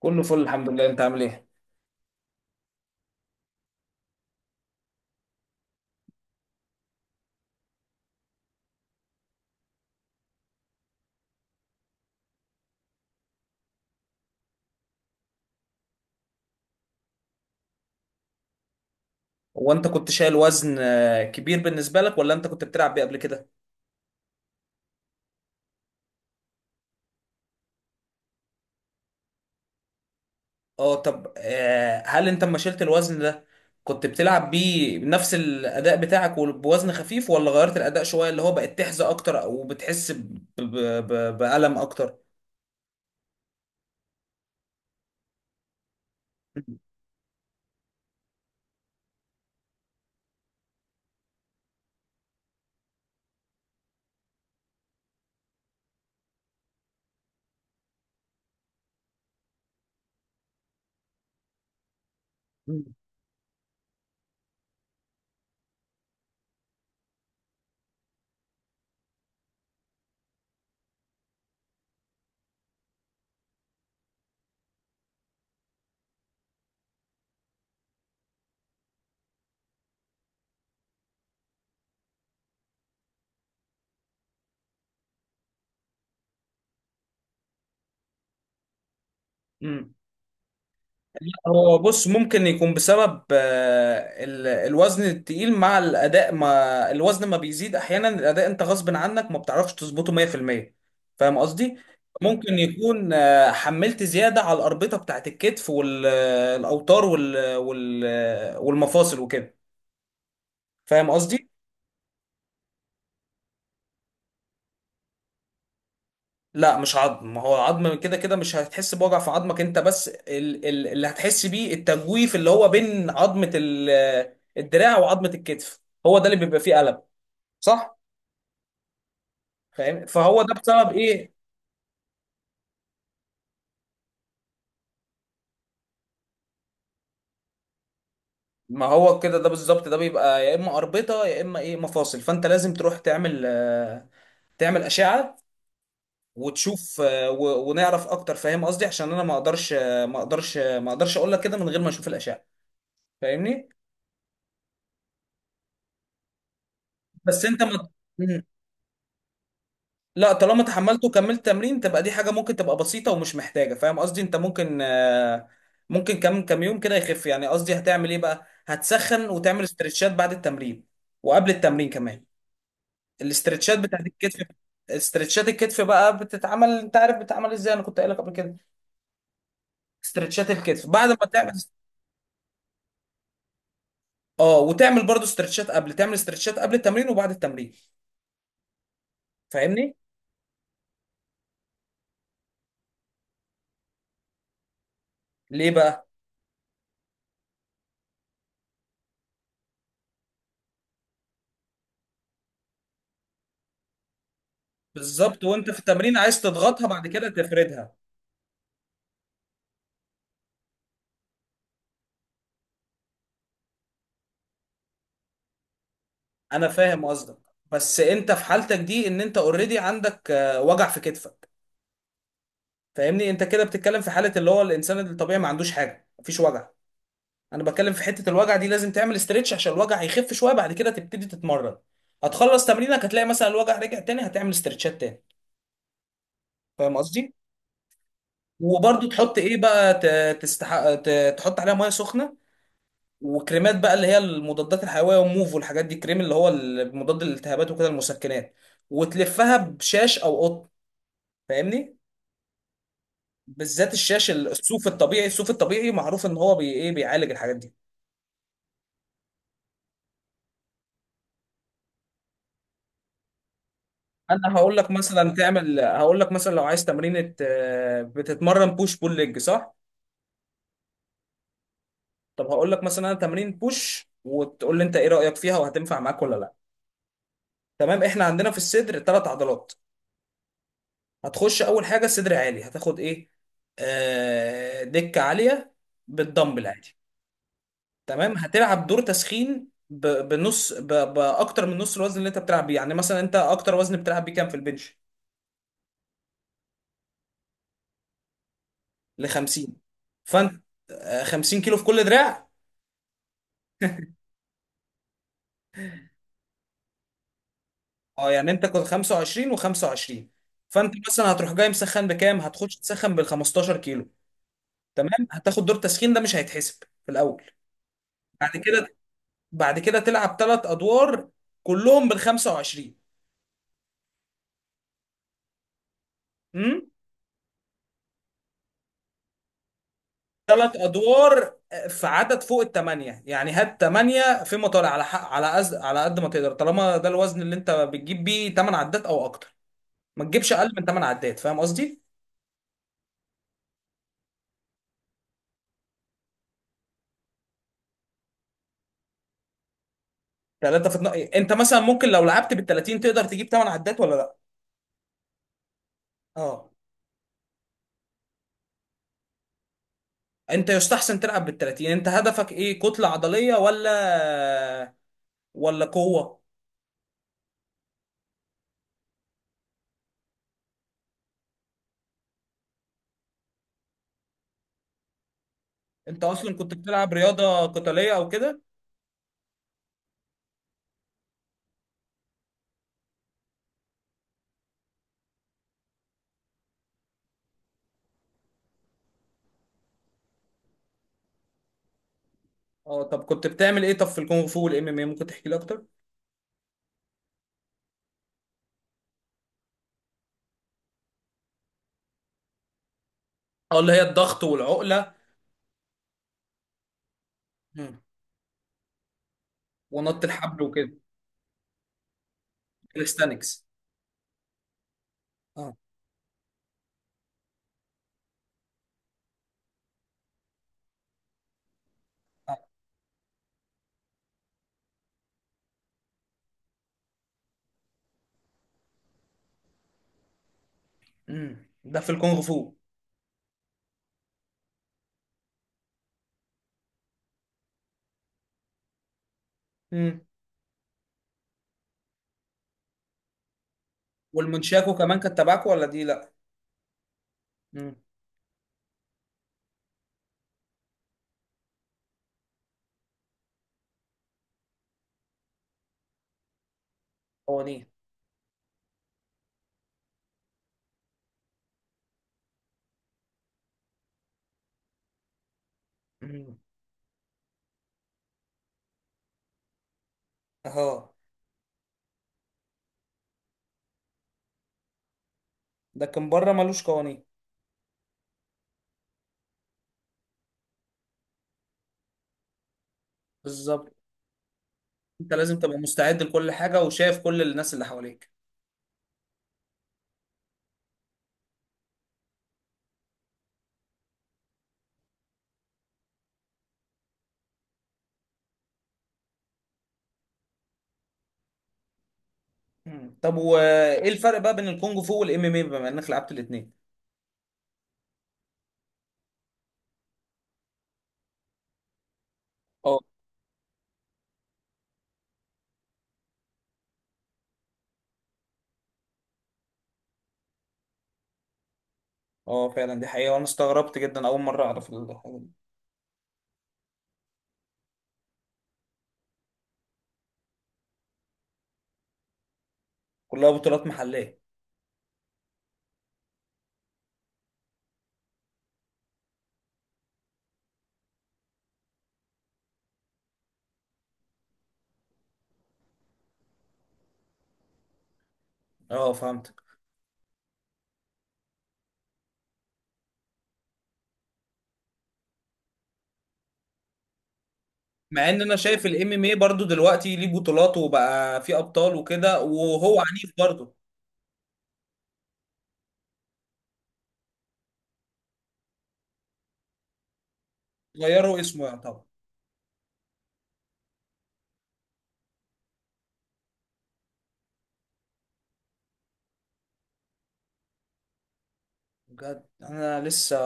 كله فل الحمد لله، انت عامل ايه؟ هو انت كنت شايل وزن كبير بالنسبه لك، ولا انت كنت بتلعب بيه قبل كده؟ اه طب هل انت لما شلت الوزن ده كنت بتلعب بيه بنفس الاداء بتاعك وبوزن خفيف، ولا غيرت الاداء شويه اللي هو بقت تحزق اكتر، او بتحس بألم اكتر؟ مم. مم. هو بص، ممكن يكون بسبب الوزن التقيل مع الأداء. ما الوزن ما بيزيد، أحيانا الأداء أنت غصب عنك ما بتعرفش تظبطه 100%. فاهم قصدي؟ ممكن يكون حملت زيادة على الأربطة بتاعت الكتف والأوتار والمفاصل وكده. فاهم قصدي؟ لا مش عظم، ما هو العظم كده كده مش هتحس بوجع في عظمك انت، بس اللي هتحس بيه التجويف اللي هو بين عظمة الدراع وعظمة الكتف. هو ده اللي بيبقى فيه ألم، صح؟ فاهم، فهو ده بسبب ايه؟ ما هو كده ده بالظبط، ده بيبقى يا اما اربطه يا اما ايه مفاصل، فانت لازم تروح تعمل تعمل اشعه، وتشوف ونعرف اكتر، فاهم قصدي، عشان انا ما اقدرش اقول لك كده من غير ما اشوف الاشعه. فاهمني؟ بس انت ما مم. لا طالما اتحملت وكملت تمرين تبقى دي حاجه ممكن تبقى بسيطه ومش محتاجه، فاهم قصدي؟ انت ممكن ممكن كم يوم كده يخف. يعني قصدي هتعمل ايه بقى؟ هتسخن وتعمل استرتشات بعد التمرين وقبل التمرين كمان، الاسترتشات بتاعت الكتف. استرتشات الكتف بقى بتتعمل، انت عارف بتتعمل ازاي، انا كنت قايل لك قبل كده. استرتشات الكتف بعد ما تعمل، اه، وتعمل برضو استرتشات قبل، تعمل استرتشات قبل التمرين وبعد التمرين. فاهمني؟ ليه بقى؟ بالظبط، وانت في التمرين عايز تضغطها بعد كده تفردها. انا فاهم قصدك، بس انت في حالتك دي ان انت اوريدي عندك وجع في كتفك. فاهمني؟ انت كده بتتكلم في حالة اللي هو الانسان الطبيعي ما عندوش حاجة، مفيش وجع. انا بتكلم في حته الوجع دي لازم تعمل استرتش، عشان الوجع هيخف شويه بعد كده تبتدي تتمرن. هتخلص تمرينك هتلاقي مثلا الوجع رجع تاني، هتعمل استرتشات تاني. فاهم قصدي؟ وبرده تحط ايه بقى؟ تستحق تحط عليها ميه سخنه، وكريمات بقى، اللي هي المضادات الحيويه وموف والحاجات دي، كريم اللي هو مضاد للالتهابات وكده، المسكنات، وتلفها بشاش او قطن. فاهمني؟ بالذات الشاش، الصوف الطبيعي، الصوف الطبيعي معروف ان هو بي ايه بيعالج الحاجات دي. انا هقول لك مثلا تعمل، هقول لك مثلا لو عايز تمرينة، بتتمرن بوش بول ليج صح؟ طب هقول لك مثلا انا تمرين بوش، وتقول لي انت ايه رأيك فيها وهتنفع معاك ولا لا. تمام، احنا عندنا في الصدر ثلاث عضلات. هتخش اول حاجة صدر عالي، هتاخد ايه؟ دكة عالية بالدمبل عادي. تمام، هتلعب دور تسخين باكتر من نص الوزن اللي انت بتلعب بيه. يعني مثلا انت اكتر وزن بتلعب بيه كام في البنش؟ ل 50. فانت 50 كيلو في كل دراع؟ اه يعني انت كنت 25 و25. فانت مثلا هتروح جاي مسخن بكام؟ هتخش تسخن بال 15 كيلو. تمام، هتاخد دور تسخين ده مش هيتحسب في الاول. بعد كده، بعد كده تلعب ثلاث ادوار كلهم بال 25. امم. ثلاث ادوار في عدد فوق الثمانيه، يعني هات ثمانيه فيما طالع على حق، على على قد ما تقدر، طالما ده الوزن اللي انت بتجيب بيه 8 عدات او اكتر. ما تجيبش اقل من 8 عدات، فاهم قصدي؟ انت مثلا ممكن لو لعبت بال 30 تقدر تجيب 8 عدات ولا لا؟ اه. انت يستحسن تلعب بالتلاتين. انت هدفك ايه، كتلة عضلية ولا، ولا قوة؟ انت اصلا كنت بتلعب رياضة قتالية او كده؟ اه، طب كنت بتعمل ايه طب في الكونغ فو والام ام اي، ممكن تحكي لي اكتر؟ اه، اللي هي الضغط والعقلة. مم. ونط الحبل وكده. كاليستانكس. اه. اه. مم. ده في الكونغ فو. مم. والمنشاكو كمان كان تبعكو ولا دي لا؟ مم. قوانين. مم. اهو. ده كان بره ملوش قوانين. بالظبط، انت لازم تبقى مستعد لكل حاجة وشايف كل الناس اللي حواليك. مم. طب وايه الفرق بقى بين الكونج فو والام ام اي، بما انك لعبت الاثنين؟ اه. اه فعلا دي حقيقة، وانا استغربت جدا اول مرة اعرف الحاجة دي. كلها بطولات محلية. اه فهمتك. مع ان انا شايف الام ام اي برضو دلوقتي ليه بطولات وبقى فيه ابطال وكده، وهو عنيف برضو. غيروا اسمه يعتبر. بجد انا لسه،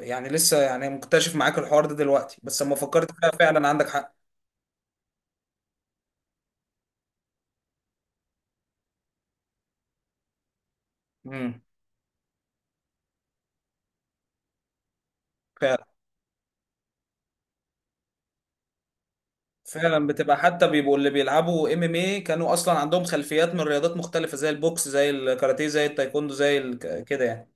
يعني لسه يعني مكتشف معاك الحوار ده دلوقتي، بس لما فكرت فيها فعلا عندك حق. امم. فعلا بتبقى، حتى بيبقوا اللي بيلعبوا ام ام اي كانوا اصلا عندهم خلفيات من رياضات مختلفه، زي البوكس زي الكاراتيه زي التايكوندو كده يعني.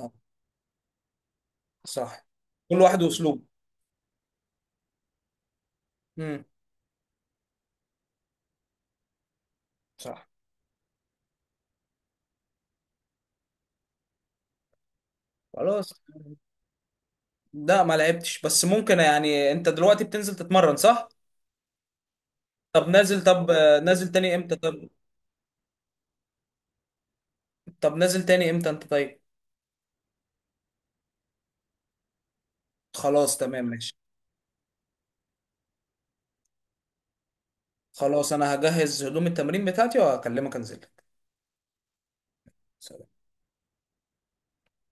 آه، صح. كل واحد واسلوبه. امم. صح. خلاص. لا ما لعبتش، بس ممكن، يعني انت دلوقتي بتنزل تتمرن صح؟ طب نازل طب نازل تاني امتى طب؟ طب نازل تاني امتى انت طيب؟ خلاص تمام ماشي. خلاص انا هجهز هدوم التمرين بتاعتي واكلمك انزل.